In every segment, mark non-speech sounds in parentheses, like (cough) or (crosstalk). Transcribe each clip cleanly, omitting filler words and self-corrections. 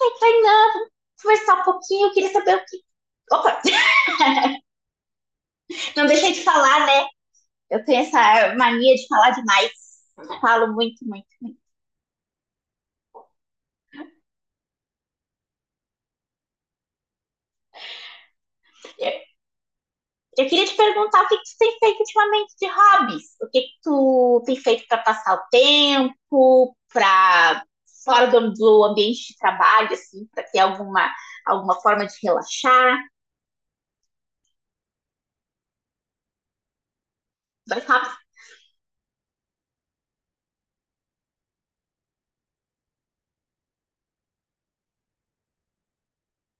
Ai, Kainan, vamos conversar um pouquinho, eu queria saber o que. Opa, (laughs) não deixei de falar, né? Eu tenho essa mania de falar demais. Falo muito, muito, muito. Eu queria te perguntar o que tu tem feito ultimamente de hobbies. O que tu tem feito para passar o tempo, para fora do ambiente de trabalho, assim, para ter alguma, alguma forma de relaxar. Dois rápido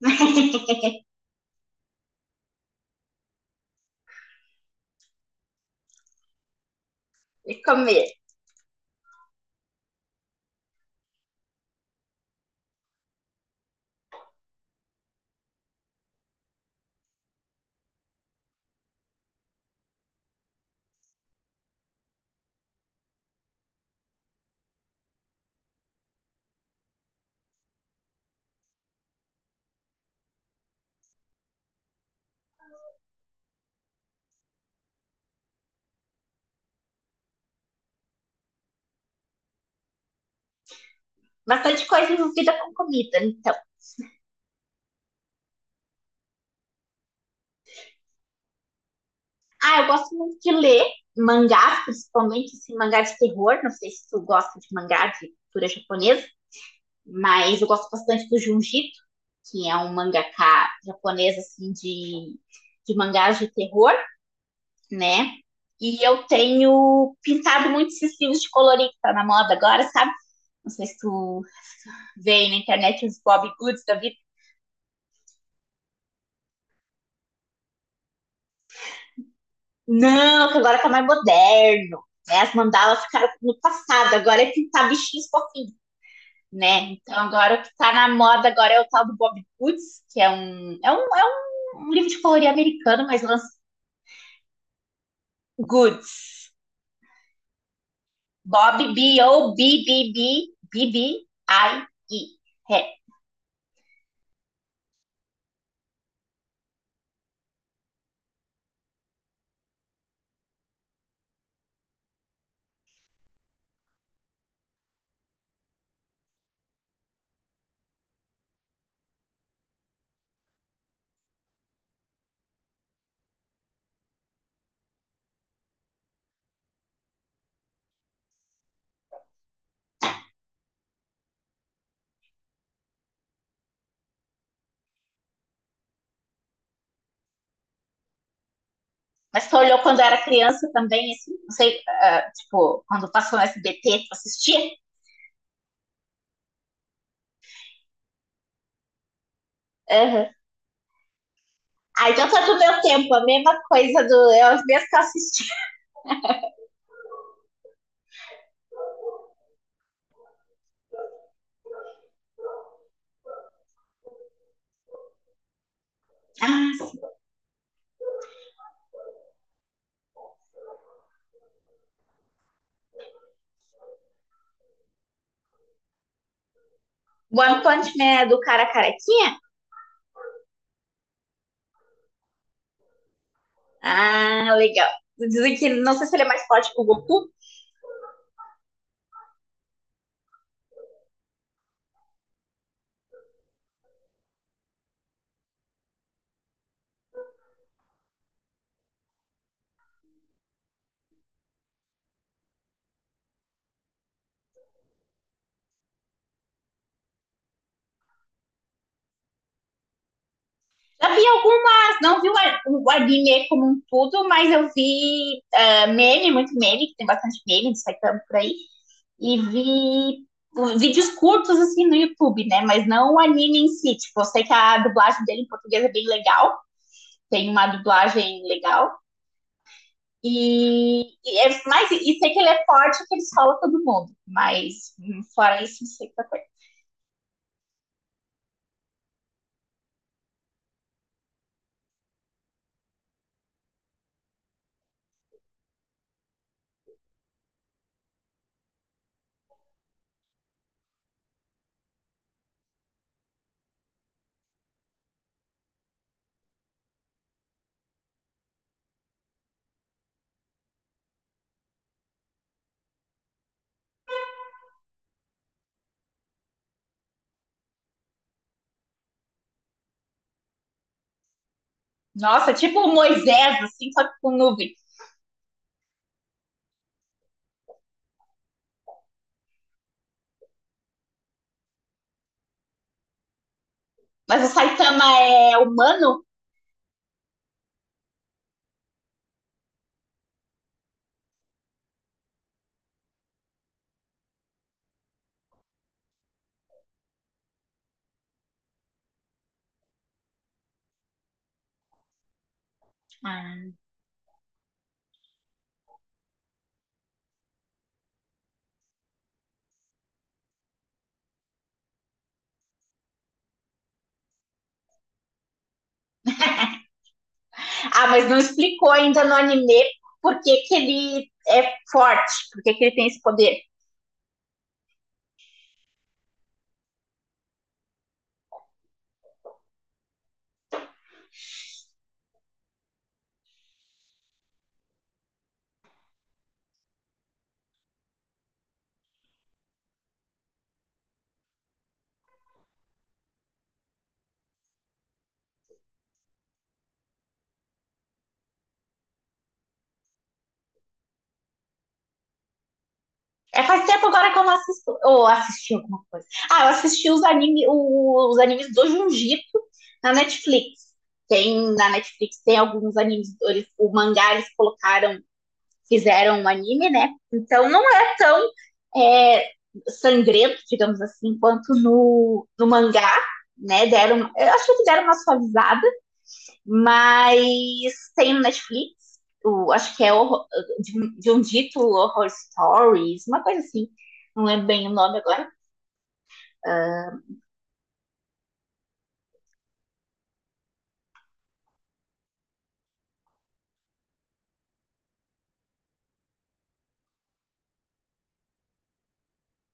(laughs) e comer. Bastante coisa envolvida com comida, então. Ah, eu gosto muito de ler mangás, principalmente assim, mangá de terror. Não sei se tu gosta de mangá de cultura japonesa, mas eu gosto bastante do Junjito, que é um mangaka japonês assim de mangás de terror, né? E eu tenho pintado muito esses livros de colorir que tá na moda agora, sabe? Não sei se tu vê aí na internet os Bob Goods da vida. Não, que agora tá mais moderno. Né? As mandalas ficaram no passado, agora é pintar bichinhos fofinhos, né? Então agora o que tá na moda agora é o tal do Bob Goods, que é um livro de colorir americano, mas lança Goods. Bob, BOBBBBBIE. É. Mas tu olhou quando era criança também, assim, não sei, ah, tipo, quando passou no SBT, tu assistia? Aham. Ah, então tá do meu tempo, a mesma coisa do. Eu as mesmas que eu assisti. (laughs) Ah, sim. One Punch Man é do cara carequinha? Ah, legal. Dizem que não sei se ele é mais forte que o Goku. Já vi algumas, não vi o anime como um todo, mas eu vi ah, meme, muito meme, que tem bastante meme de Saitama por aí, e vi vídeos curtos assim no YouTube, né? Mas não o anime em si. Tipo, eu sei que a dublagem dele em português é bem legal, tem uma dublagem legal. E sei que ele é forte, que ele escola todo mundo. Mas fora isso, não sei qual coisa. Nossa, tipo o Moisés, assim, só que com nuvem. Mas o Saitama é humano? Ah. Ah, mas não explicou ainda no anime por que ele é forte, por que ele tem esse poder. É, faz tempo agora que eu não assisto. Ou assisti alguma coisa. Ah, eu assisti os, anime, os animes do Jujutsu na Netflix. Tem na Netflix, tem alguns animes, eles, o mangá eles colocaram, fizeram um anime, né? Então não é tão é, sangrento, digamos assim, quanto no, no mangá, né? Deram, eu acho que deram uma suavizada. Mas tem no Netflix, o- acho que é horror- de um dito Horror Stories, uma coisa assim. Não lembro bem o nome agora. Ah,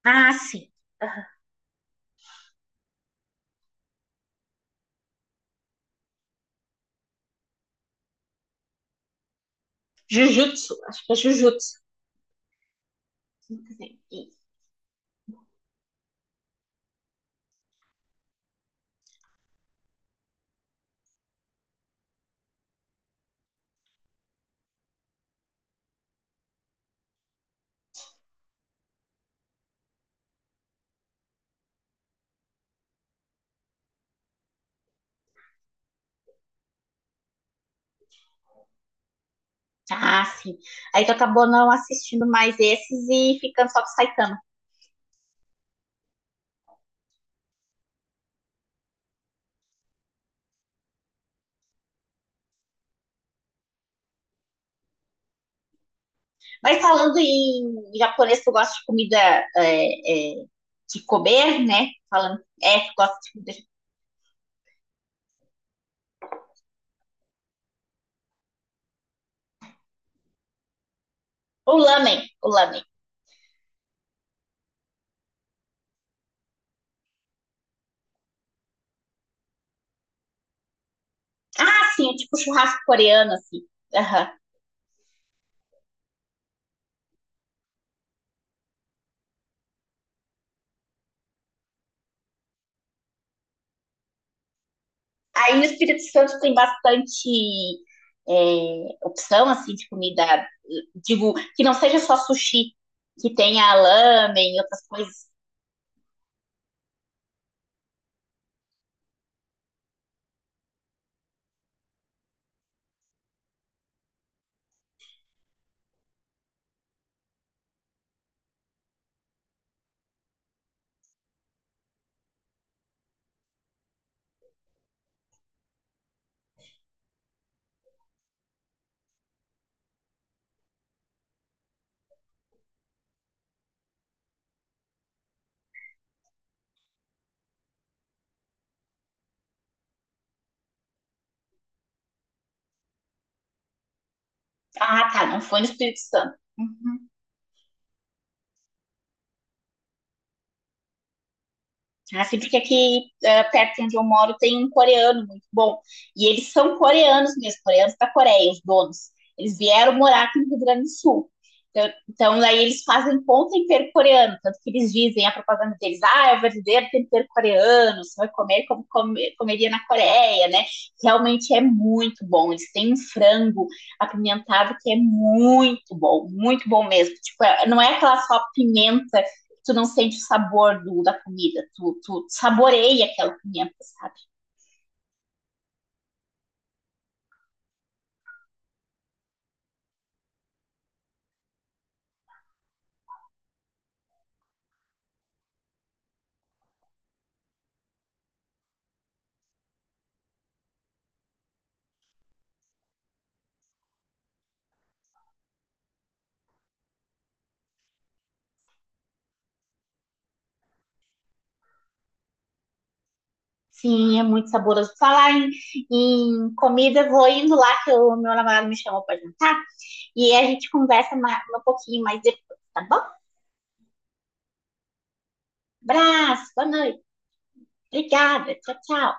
ah, sim. Jujutsu, acho que é Jujutsu. Isso. Ah, sim. Aí tu acabou não assistindo mais esses e ficando só com o Saitama. Mas falando em japonês, tu gosta de comida é, é, de comer, né? Falando, é, tu gosta de comida. O lamen, o lamen. Ah, sim, é tipo churrasco coreano, assim. Aham. Aí no Espírito Santo tem bastante é, opção assim de comida, digo, que não seja só sushi, que tenha lamen e outras coisas. Ah, tá, não foi no Espírito Santo. Uhum. Assim, porque aqui eh, perto de onde eu moro tem um coreano muito bom. E eles são coreanos mesmo, coreanos da Coreia, os donos. Eles vieram morar aqui no Rio Grande do Sul. Então, então daí eles fazem com tempero coreano, tanto que eles dizem a propaganda deles, ah, é o verdadeiro tempero coreano, você vai comer como come- comeria na Coreia, né? Realmente é muito bom. Eles têm um frango apimentado que é muito bom mesmo. Tipo, é- não é aquela só pimenta tu não sente o sabor do, da comida, tu, tu saboreia aquela comida, sabe? Sim, é muito saboroso. Falar em, em comida, vou indo lá que o meu namorado me chamou para jantar e a gente conversa mais, um pouquinho mais depois, tá bom? Abraço, boa noite, obrigada, tchau, tchau.